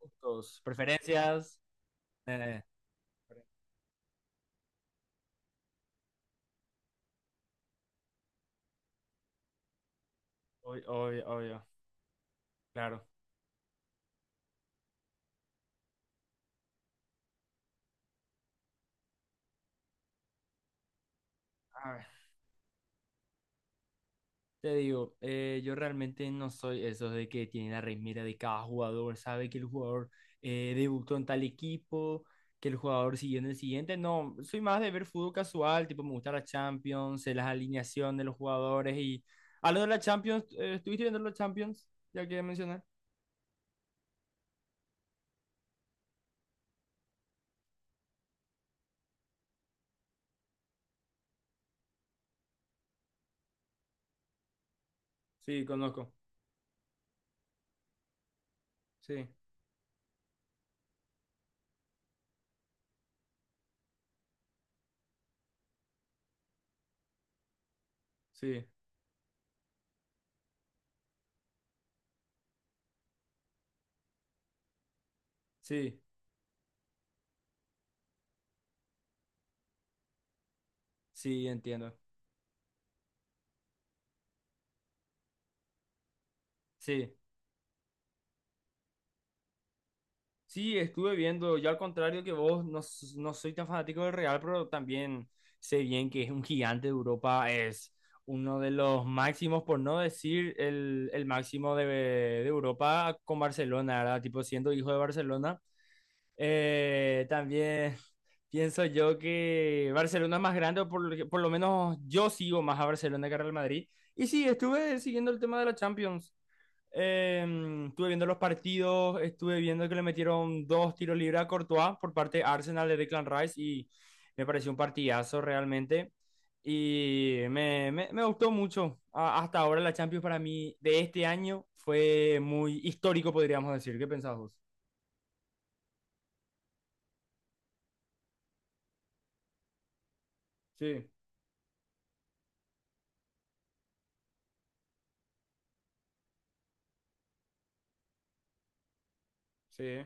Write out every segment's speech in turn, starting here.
Gustos, preferencias. eh, Obvio, obvio, obvio, claro. A ver, te digo, yo realmente no soy esos de que tiene la remera de cada jugador, sabe que el jugador debutó en tal equipo, que el jugador siguió en el siguiente. No, soy más de ver fútbol casual, tipo me gusta la Champions, sé las alineaciones de los jugadores y... Algo de la Champions, ¿estuviste viendo la Champions? Ya que mencionar. Sí, conozco. Sí. Sí, sí, sí, entiendo. Sí. Sí, estuve viendo, yo al contrario que vos, no, no soy tan fanático del Real, pero también sé bien que es un gigante de Europa, es uno de los máximos, por no decir el máximo de Europa con Barcelona, ¿verdad? Tipo siendo hijo de Barcelona. También pienso yo que Barcelona es más grande, o por, por lo menos yo sigo más a Barcelona que a Real Madrid. Y sí, estuve siguiendo el tema de la Champions. Eh, estuve viendo los partidos, estuve viendo que le metieron dos tiros libres a Courtois por parte de Arsenal de Declan Rice y me pareció un partidazo realmente. Y me gustó mucho. Hasta ahora la Champions para mí de este año fue muy histórico, podríamos decir. ¿Qué pensás vos? Sí, sí,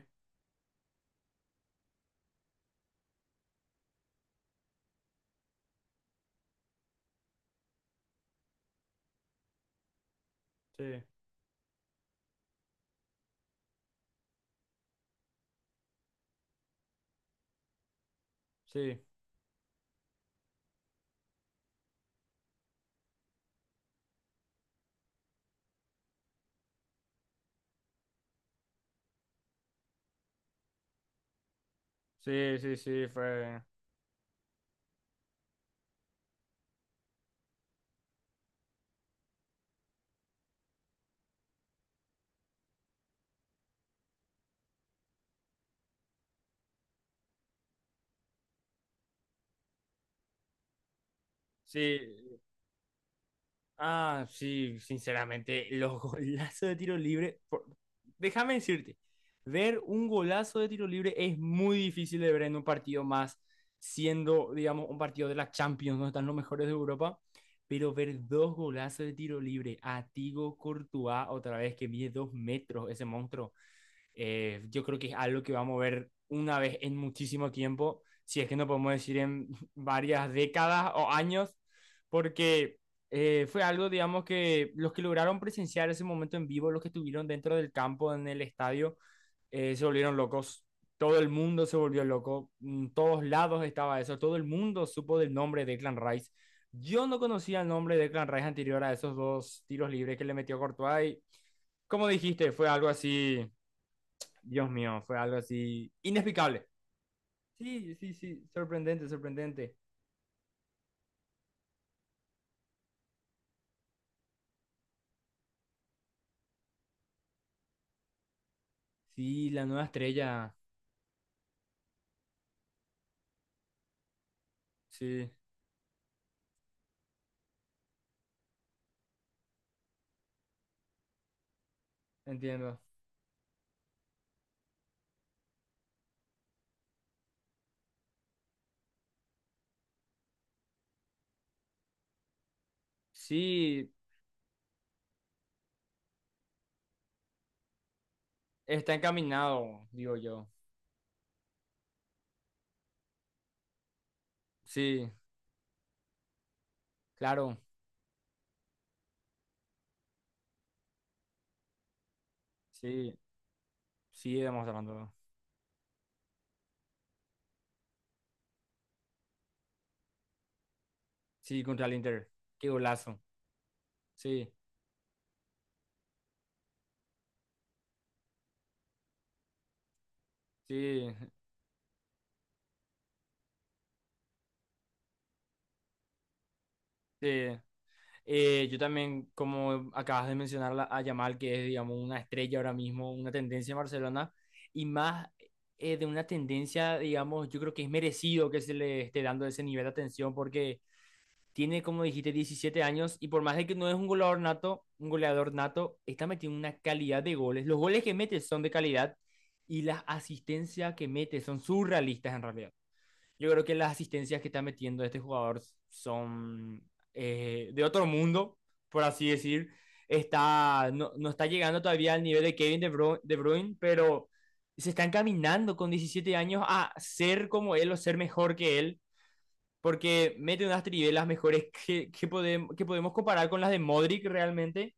sí, sí, sí, sí, sí, fue. Sí, ah, sí, sinceramente, los golazos de tiro libre, déjame decirte, ver un golazo de tiro libre es muy difícil de ver en un partido más, siendo, digamos, un partido de la Champions, donde están los mejores de Europa, pero ver dos golazos de tiro libre, a Thibaut Courtois, otra vez que mide dos metros ese monstruo. Yo creo que es algo que vamos a ver una vez en muchísimo tiempo, si es que no podemos decir en varias décadas o años, porque fue algo, digamos, que los que lograron presenciar ese momento en vivo, los que estuvieron dentro del campo, en el estadio, se volvieron locos. Todo el mundo se volvió loco, en todos lados estaba eso, todo el mundo supo del nombre de Clan Rice. Yo no conocía el nombre de Clan Rice anterior a esos dos tiros libres que le metió Courtois y, como dijiste, fue algo así Dios mío, fue algo así inexplicable. Sí, sí, sí, sorprendente, sorprendente. Sí, la nueva estrella, sí, entiendo. Sí, está encaminado, digo yo. Sí, claro, sí, sí, estamos hablando. Sí, contra el Inter, qué golazo. Sí, sí, sí. Yo también, como acabas de mencionar a Yamal, que es, digamos, una estrella ahora mismo, una tendencia en Barcelona, y más de una tendencia, digamos, yo creo que es merecido que se le esté dando ese nivel de atención, porque tiene, como dijiste, 17 años, y por más de que no es un goleador nato, está metiendo una calidad de goles. Los goles que mete son de calidad, y las asistencias que mete son surrealistas en realidad. Yo creo que las asistencias que está metiendo este jugador son de otro mundo, por así decir. Está, no, no está llegando todavía al nivel de Kevin de Bruyne, pero se está encaminando con 17 años a ser como él o ser mejor que él, porque mete unas trivelas mejores que podemos comparar con las de Modric realmente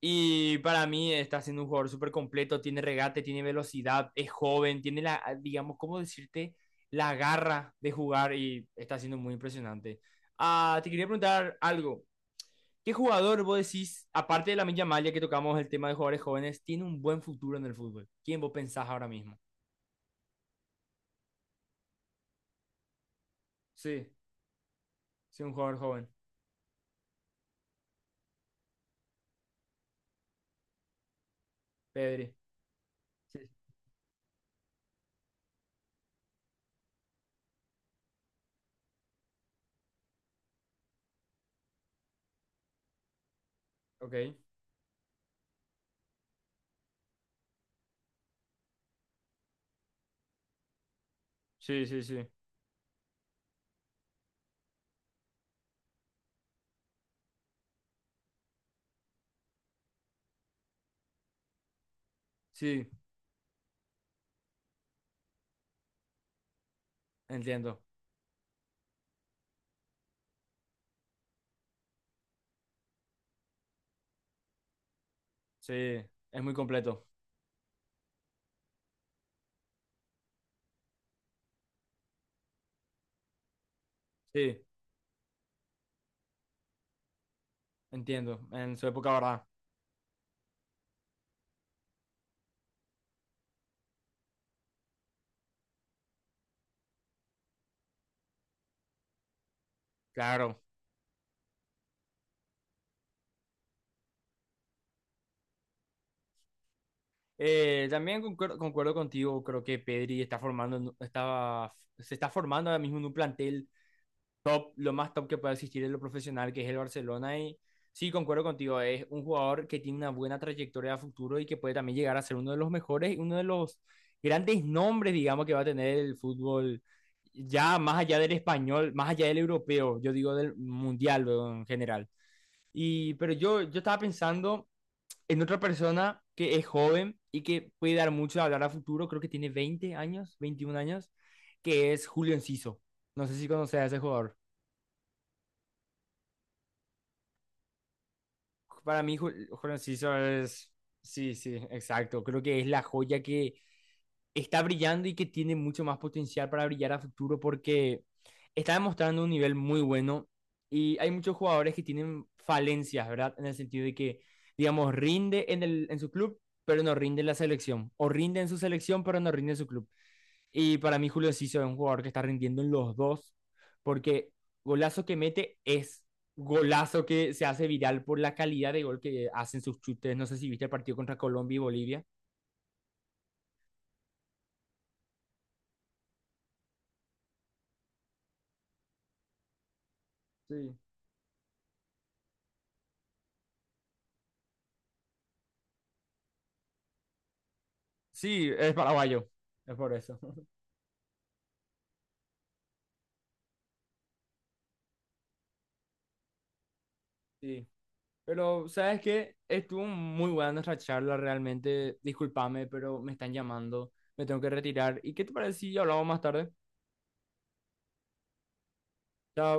y para mí está siendo un jugador súper completo, tiene regate, tiene velocidad, es joven, tiene la, ah, digamos, ¿cómo decirte? La garra de jugar y está siendo muy impresionante. Ah, te quería preguntar algo. ¿Qué jugador vos decís, aparte de la Yamal, ya que tocamos el tema de jugadores jóvenes, tiene un buen futuro en el fútbol? ¿Quién vos pensás ahora mismo? Sí, sí, un jugador joven. Pedri. Sí. Ok. Sí, sí, sí. Sí, entiendo. Sí, es muy completo. Sí, entiendo. En su época, ¿verdad? Claro. También concuerdo, contigo, creo que Pedri está formando, estaba, se está formando ahora mismo en un plantel top, lo más top que pueda existir en lo profesional, que es el Barcelona. Y sí, concuerdo contigo, es un jugador que tiene una buena trayectoria a futuro y que puede también llegar a ser uno de los mejores, uno de los grandes nombres, digamos, que va a tener el fútbol, ya más allá del español, más allá del europeo, yo digo del mundial, luego, en general. Y, pero yo estaba pensando en otra persona que es joven y que puede dar mucho a hablar a futuro, creo que tiene 20 años, 21 años, que es Julio Enciso. No sé si conoces a ese jugador. Para mí, Julio Enciso es. Sí, sí, exacto. Creo que es la joya que está brillando y que tiene mucho más potencial para brillar a futuro porque está demostrando un nivel muy bueno y hay muchos jugadores que tienen falencias, ¿verdad? En el sentido de que, digamos, rinde en, el, en su club, pero no rinde en la selección, o rinde en su selección, pero no rinde en su club. Y para mí Julio Ciso es un jugador que está rindiendo en los dos, porque golazo que mete es golazo que se hace viral por la calidad de gol que hacen sus chutes. No sé si viste el partido contra Colombia y Bolivia. Sí. Sí, es paraguayo, es por eso. Sí. Pero, ¿sabes qué? Estuvo muy buena nuestra charla, realmente. Discúlpame, pero me están llamando, me tengo que retirar. ¿Y qué te parece si hablamos más tarde? Chao.